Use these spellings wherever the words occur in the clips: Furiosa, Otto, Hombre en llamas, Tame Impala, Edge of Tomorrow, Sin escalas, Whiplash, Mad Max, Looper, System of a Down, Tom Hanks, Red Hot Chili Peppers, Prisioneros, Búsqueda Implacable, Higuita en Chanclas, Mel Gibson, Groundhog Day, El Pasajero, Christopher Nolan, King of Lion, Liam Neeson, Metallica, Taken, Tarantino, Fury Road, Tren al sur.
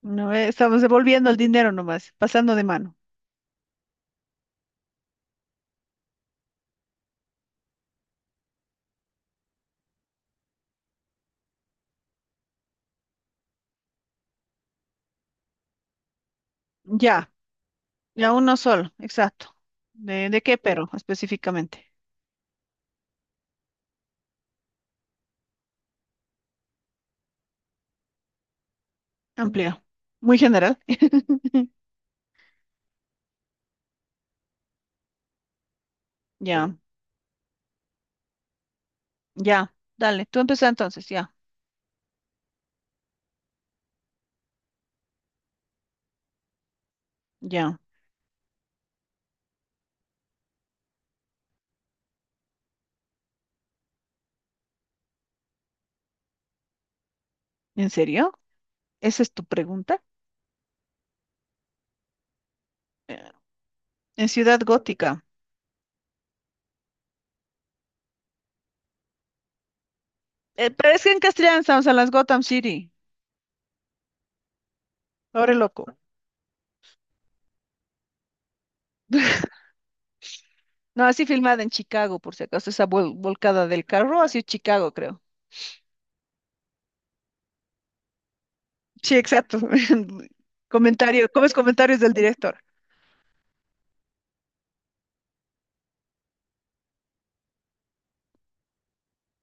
No, estamos devolviendo el dinero nomás, pasando de mano. Ya, ya uno solo, exacto. ¿De qué pero específicamente? Amplio. Muy general. Ya, ya. Dale, tú empieza entonces, ya. ¿En serio? ¿Esa es tu pregunta? Eh, en Ciudad Gótica. Pero es que en castellano estamos en las Gotham City. Pobre loco. No, así filmada en Chicago, por si acaso, esa volcada del carro, así es Chicago, creo. Sí, exacto. Comentario, ¿cómo es comentarios del director?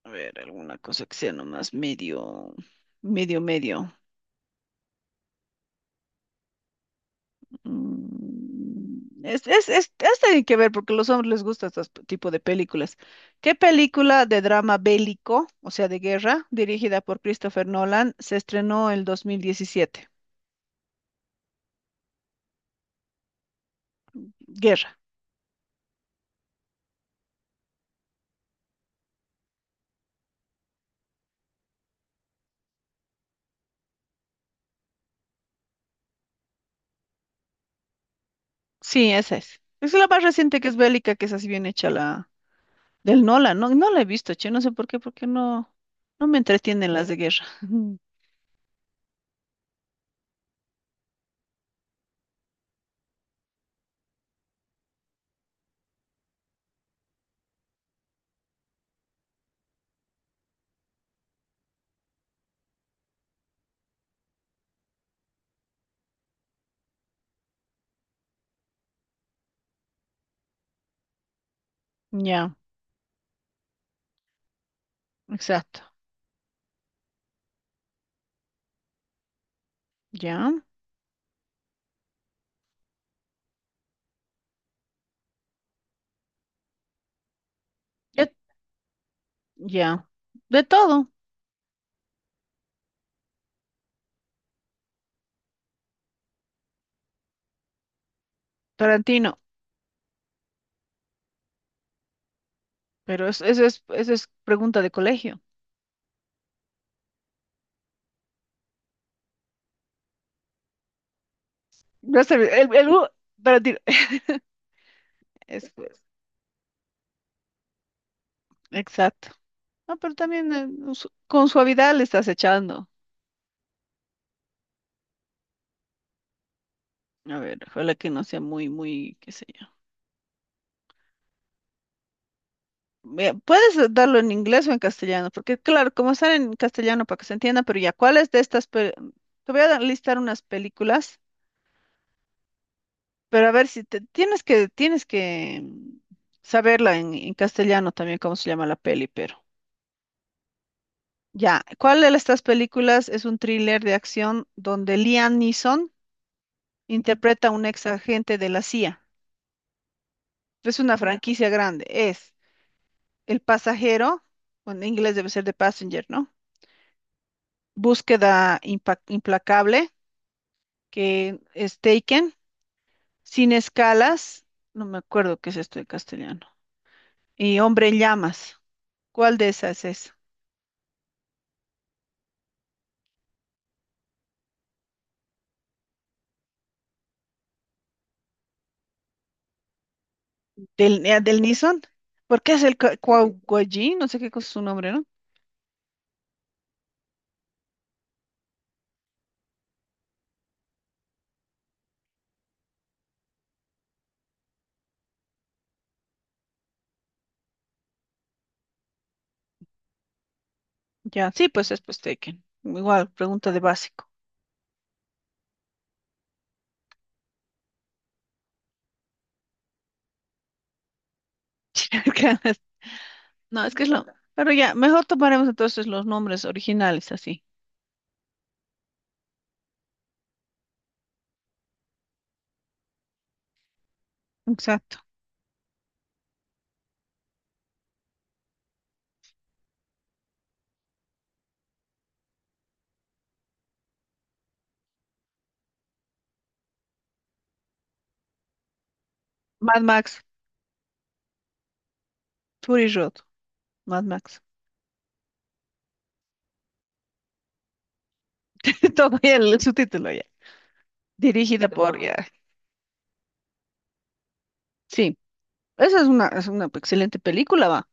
A ver, alguna cosa que sea nomás medio, medio, medio. Mm, es tiene que ver porque a los hombres les gusta este tipo de películas. ¿Qué película de drama bélico, o sea, de guerra, dirigida por Christopher Nolan, se estrenó el 2017? Guerra. Sí, esa es. Es la más reciente que es bélica, que es así bien hecha la del Nolan. No, no la he visto, che, no sé por qué, porque no, no me entretienen las de guerra. Ya, exacto. Ya. Ya. Ya, de todo. Tarantino, pero eso es pregunta de colegio. No sé, el u- Tarantino, es, pues, exacto. No, pero también su- con suavidad le estás echando. A ver, ojalá que no sea muy, muy, qué sé yo. Ve, puedes darlo en inglés o en castellano, porque claro, como están en castellano para que se entienda, pero ya, ¿cuáles de estas? Pe- te voy a dar- listar unas películas, pero a ver si te, tienes que, tienes que saberla en castellano también, cómo se llama la peli, pero. Ya, ¿cuál de estas películas es un thriller de acción donde Liam Neeson interpreta a un ex agente de la CIA? Es una franquicia grande. Es El Pasajero, o en inglés debe ser The Passenger, ¿no? Búsqueda implacable, que es Taken, Sin escalas, no me acuerdo qué es esto en castellano, y Hombre en llamas. ¿Cuál de esas es? ¿Del, del Neeson? Porque es el Kwao, no sé qué cosa es su nombre, ¿no? Ya, sí, pues es pues Tekken. Igual, pregunta de básico. No, es que es lo. Pero ya, mejor tomaremos entonces los nombres originales así. Exacto. Mad Max, Fury Road, Mad Max. Todo ya el subtítulo ya. Dirigida por ya. Sí. Esa es una excelente película, va.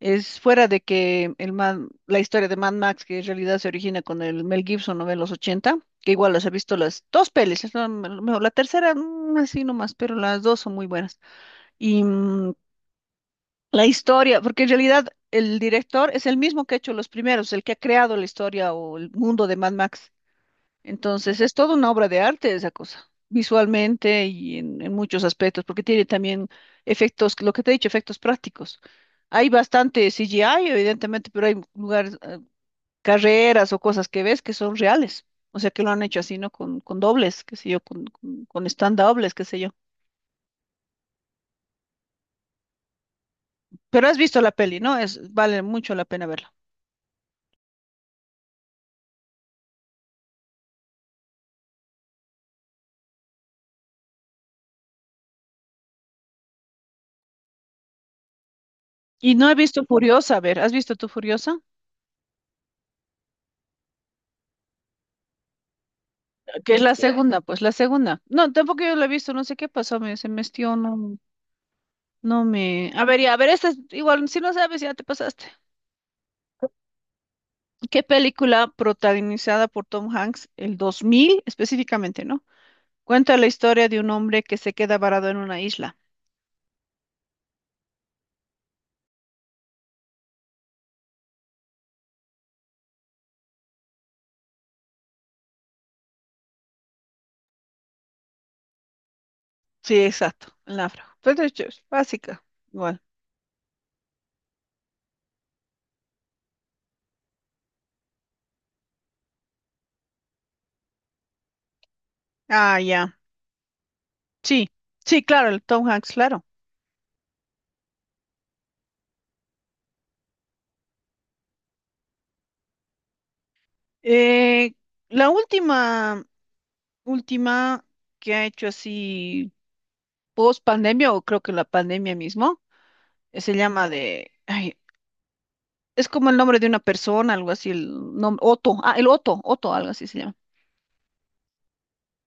Es fuera de que el Mad- la historia de Mad Max, que en realidad se origina con el Mel Gibson, ¿no? En los 80 que igual las he visto las dos pelis, es la, mejor, la tercera, mm, así nomás, pero las dos son muy buenas. Y la historia, porque en realidad el director es el mismo que ha hecho los primeros, el que ha creado la historia o el mundo de Mad Max. Entonces, es toda una obra de arte esa cosa, visualmente y en muchos aspectos, porque tiene también efectos, lo que te he dicho, efectos prácticos. Hay bastante CGI, evidentemente, pero hay lugares, carreras o cosas que ves que son reales. O sea, que lo han hecho así, ¿no? Con dobles, qué sé yo, con stand-dobles, qué sé yo. Pero has visto la peli, ¿no? Es, vale mucho la pena verla. Y no he visto Furiosa, a ver, ¿has visto tú Furiosa? Que es la segunda, pues la segunda. No, tampoco yo la he visto, no sé qué pasó, me, se me estió, no, no me... A ver, ya, a ver, esta es, igual, si no sabes, ya te pasaste. ¿Qué película protagonizada por Tom Hanks el 2000 específicamente, ¿no? Cuenta la historia de un hombre que se queda varado en una isla. Sí, exacto, el náufrago. Pues de hecho, es básica, igual. Ah, ya. Sí, sí, claro, el Tom Hanks, claro. Eh, la última, última que ha hecho así post pandemia, o creo que la pandemia mismo, se llama de, ay, es como el nombre de una persona, algo así, el nombre, Otto, ah, el Otto, Otto, algo así se llama.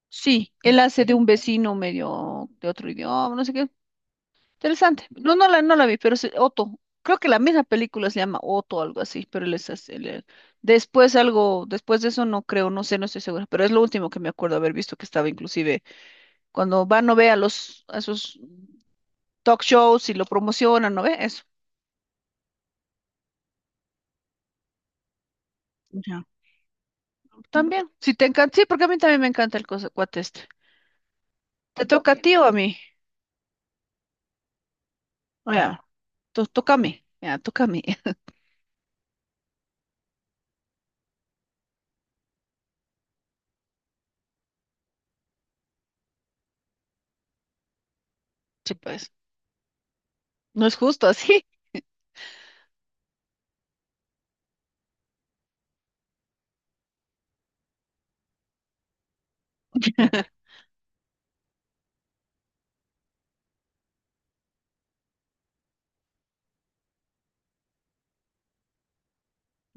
Sí, él hace de un vecino medio de otro idioma, no sé qué, interesante. No, no la, no la vi, pero sí, Otto. Creo que la misma película se llama Otto algo así, pero él es así, él- él- después algo, después de eso no creo, no sé, no estoy segura, pero es lo último que me acuerdo haber visto que estaba inclusive cuando van no ve a los a esos talk shows y lo promocionan, ¿no ve? Eso. Ya. También. Si te encanta, sí, porque a mí también me encanta el cosa, cuate este. ¿Te toca a ti o a mí? Ya, to- toca a mí. Ya, toca a mí. Sí, pues. No es justo así.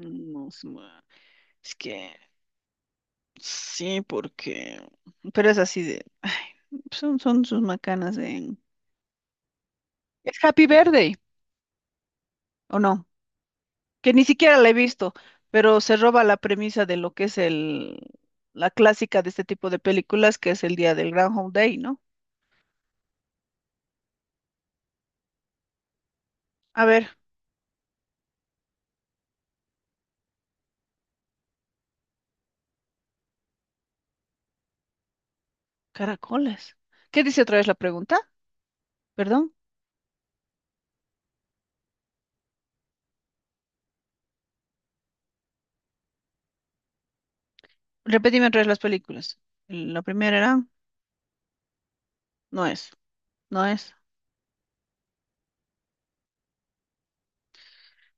No, es es que sí, porque... Pero es así de... ay, son, son sus macanas de... Es Happy Verde, ¿o no? Que ni siquiera la he visto, pero se roba la premisa de lo que es el... la clásica de este tipo de películas, que es el día del Groundhog Day, ¿no? A ver, caracoles. ¿Qué dice otra vez la pregunta? Perdón. Repetime otra vez las películas. La primera era... No es, no es.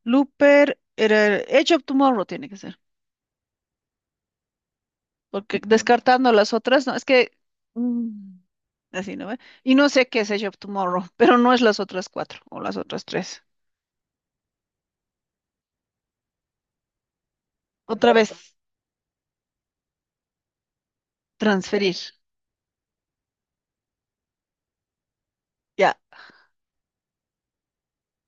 Looper era... Edge of Tomorrow tiene que ser. Porque descartando las otras, no, es que... mm, así, ¿no? Ve? Y no sé qué es Edge of Tomorrow, pero no es las otras cuatro o las otras tres. Otra vez, transferir. Ya.